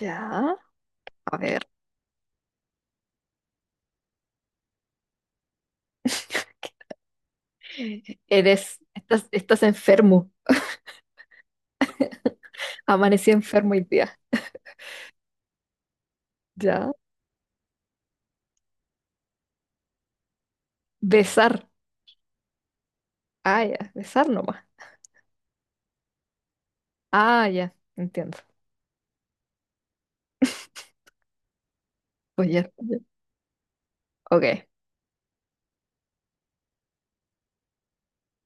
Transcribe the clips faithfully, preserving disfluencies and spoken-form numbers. Ya, a ver. Eres, estás, estás enfermo. Amanecí enfermo hoy día. Ya. Besar. Ah, ya. Besar nomás. Ah, ya. Entiendo. Oye, ok.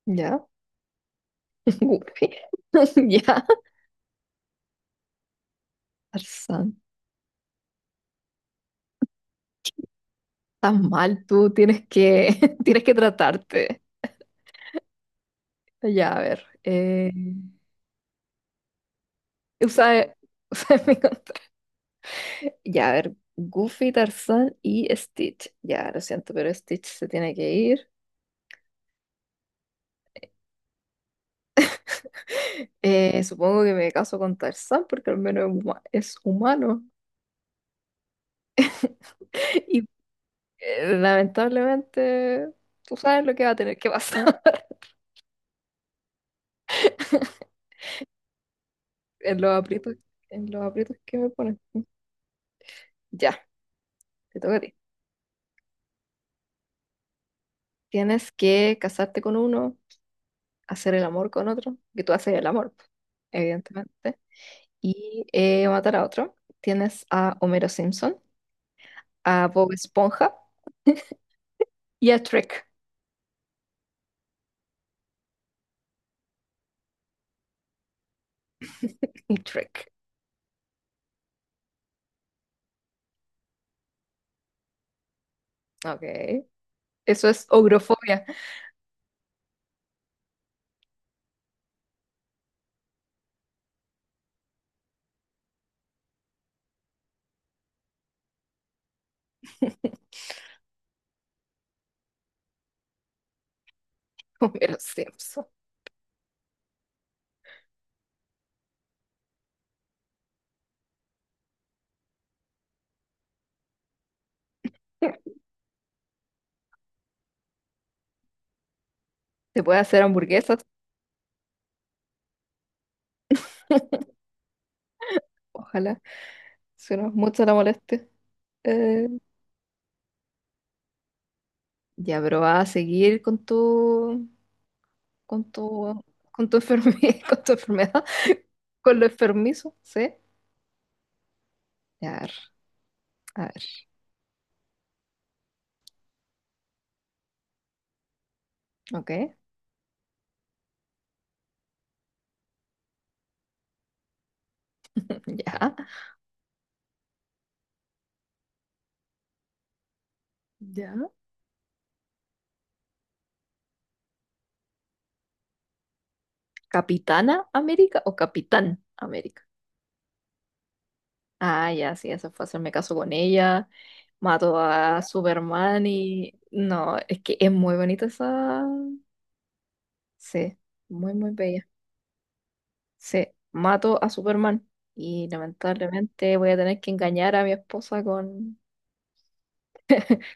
Ya. Uy. Ya. Tarzán, estás mal tú. Tienes que, tienes que tratarte. Ya, a ver. Eh, usa, usa mi- Ya, a ver. Goofy, Tarzán y Stitch. Ya, lo siento, pero Stitch se tiene que ir. Eh, supongo que me caso con Tarzán porque al menos es huma- es humano. Y eh, lamentablemente, tú sabes lo que va a tener que pasar en los aprietos, en los aprietos que me ponen. Ya, te toca a ti. Tienes que casarte con uno, hacer el amor con otro, que tú haces el amor, evidentemente, y eh, matar a otro. Tienes a Homero Simpson, a Bob Esponja y a Trek. Y Trek. Ok. Eso es ogrofobia. Homero Simpson. Se puede hacer hamburguesas, ojalá. Si no es mucho la molestia. Eh, ya, pero va a seguir con tu, con tu, con tu enfermedad, con tu enfermedad, con lo enfermizo, ¿sí? Ya, a ver, a ver. Ok, ya, ya. ¿Capitana América o Capitán América? Ah, ya, sí, eso fue hacerme caso con ella. Mato a Superman y no, es que es muy bonita esa. Sí, muy, muy bella. Sí, mato a Superman y lamentablemente voy a tener que engañar a mi esposa con,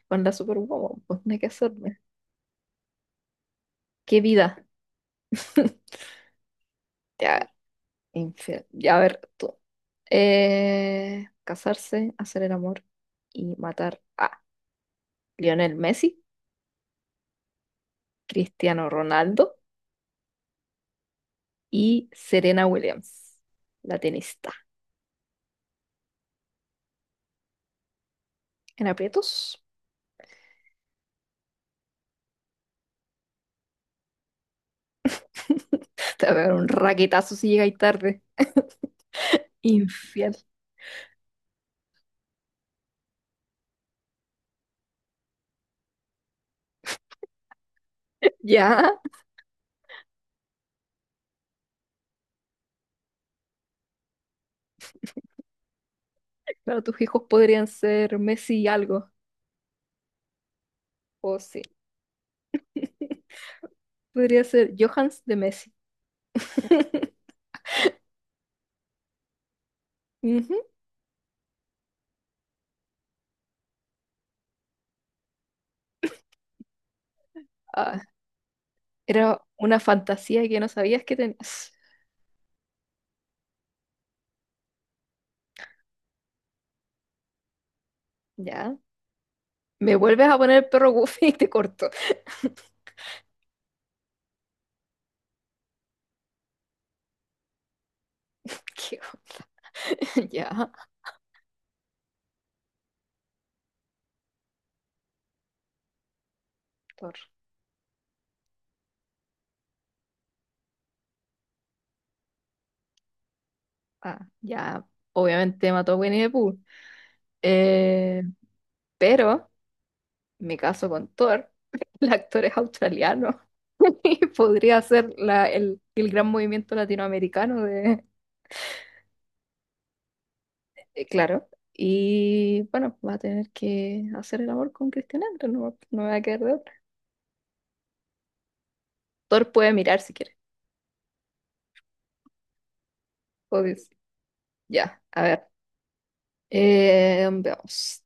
con la Superwoman. Pues no hay que hacerme. ¡Qué vida! Ya, infiel. Ya, a ver, tú. Eh, casarse, hacer el amor y matar a Lionel Messi, Cristiano Ronaldo y Serena Williams, la tenista. En aprietos. Te va a pegar un raquetazo si llegáis tarde. Infiel. Ya. Claro, tus hijos podrían ser Messi y algo. O sí. Podría ser Johans de Messi. Ujú. Ah, era una fantasía que no sabías que tenías. Ya. Me vuelves a poner el perro Goofy y te corto. Qué hue- Ya. Thor. Ah, ya. Obviamente mató a Winnie the Pooh. Eh, pero me caso con Thor. El actor es australiano. Y podría ser la- el, el gran movimiento latinoamericano de. Eh, claro. Y bueno, va a tener que hacer el amor con Cristian Andro, no, no me va a quedar de otra. Thor puede mirar si quiere. O dice- Ya, a ver. Eh, veamos.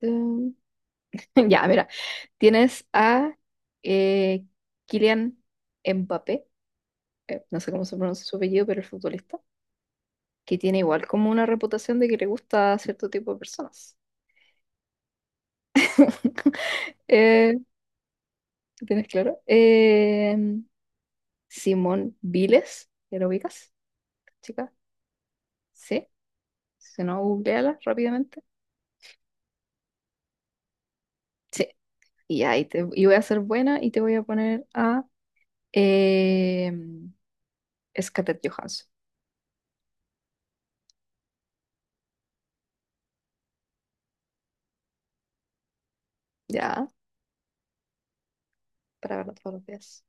Mm, Ya, mira. Tienes a eh, Kylian Mbappé, eh, no sé cómo se pronuncia su apellido, pero el futbolista, que tiene igual como una reputación de que le gusta a cierto tipo de personas. Eh, ¿tienes claro? Eh, Simón Viles, ¿ya lo ubicas? Chica. Sí, si no, googleala rápidamente. Sí, y ahí te, y voy a ser buena y te voy a poner a eh, Scarlett Johansson. Ya, para verlo todos los días.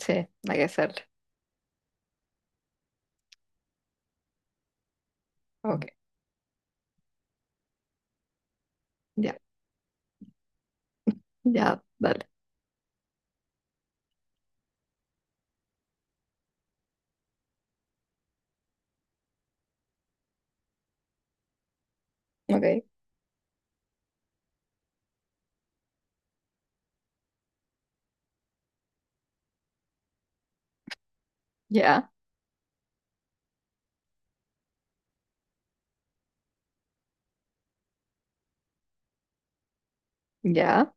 Sí, hay que hacerlo. Ok, ya, ya, dale. Ok, ya, ya.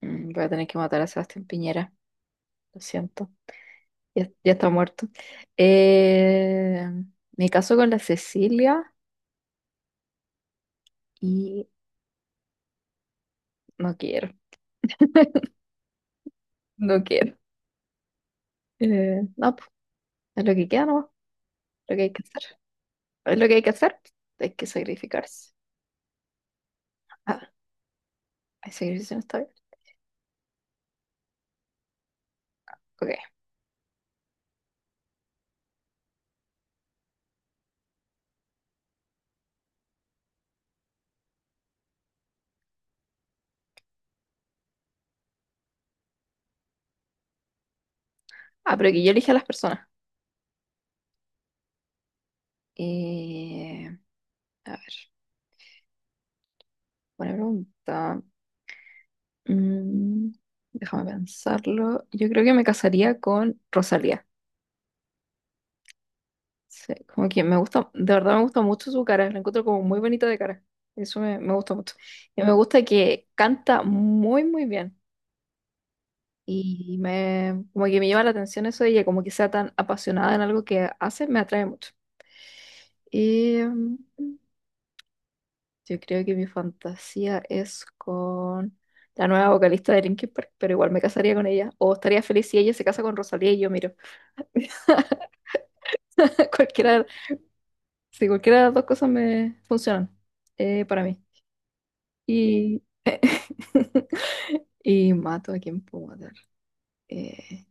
Mm, Voy a tener que matar a Sebastián Piñera, lo siento. Ya, ya está muerto. Eh, Me caso con la Cecilia y no quiero, no quiero. Eh, no, pues, es lo que queda, ¿no? Lo que hay que hacer. Es lo que hay que hacer. Hay que sacrificarse. Ah, ¿hay sacrificio en esta vida? Ok. Ah, pero que yo elija a las personas. Eh, a ver, buena pregunta. Mm, Déjame pensarlo. Yo creo que me casaría con Rosalía. Sí, como que me gusta, de verdad me gusta mucho su cara. La encuentro como muy bonita de cara. Eso me, me gusta mucho. Y me gusta que canta muy, muy bien. Y me, como que me llama la atención eso de ella, como que sea tan apasionada en algo que hace, me atrae mucho. Em, yo creo que mi fantasía es con la nueva vocalista de Linkin Park, pero igual me casaría con ella. O estaría feliz si ella se casa con Rosalía y yo miro. Cualquiera, si cualquiera de las dos cosas me funcionan eh, para mí. Y, y mato a quien puedo matar. Eh,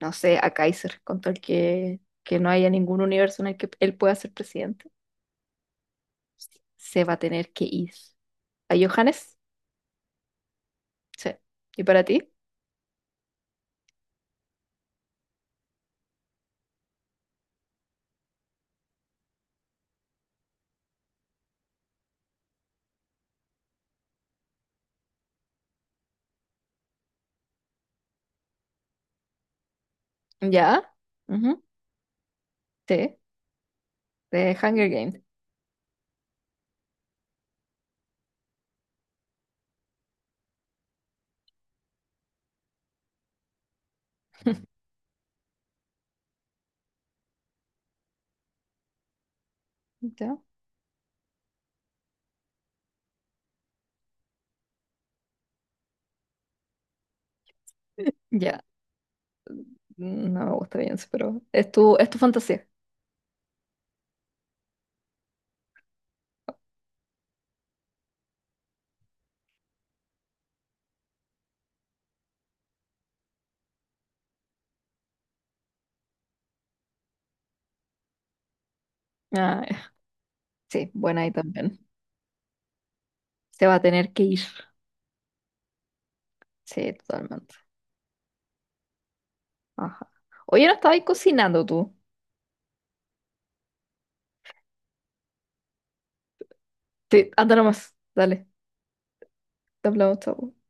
no sé, a Kaiser, con tal que, que no haya ningún universo en el que él pueda ser presidente, se va a tener que ir. ¿A Johannes? Sí. ¿Y para ti? Ya, ujú, sí, de Hunger Games. Ya, ya, no me gusta bien, pero es tu, es tu fantasía. Ah, ya. Sí, buena ahí también. Se va a tener que ir. Sí, totalmente. Ajá. Oye, no estabas cocinando tú. Sí, anda nomás. Dale, te hablamos, chao.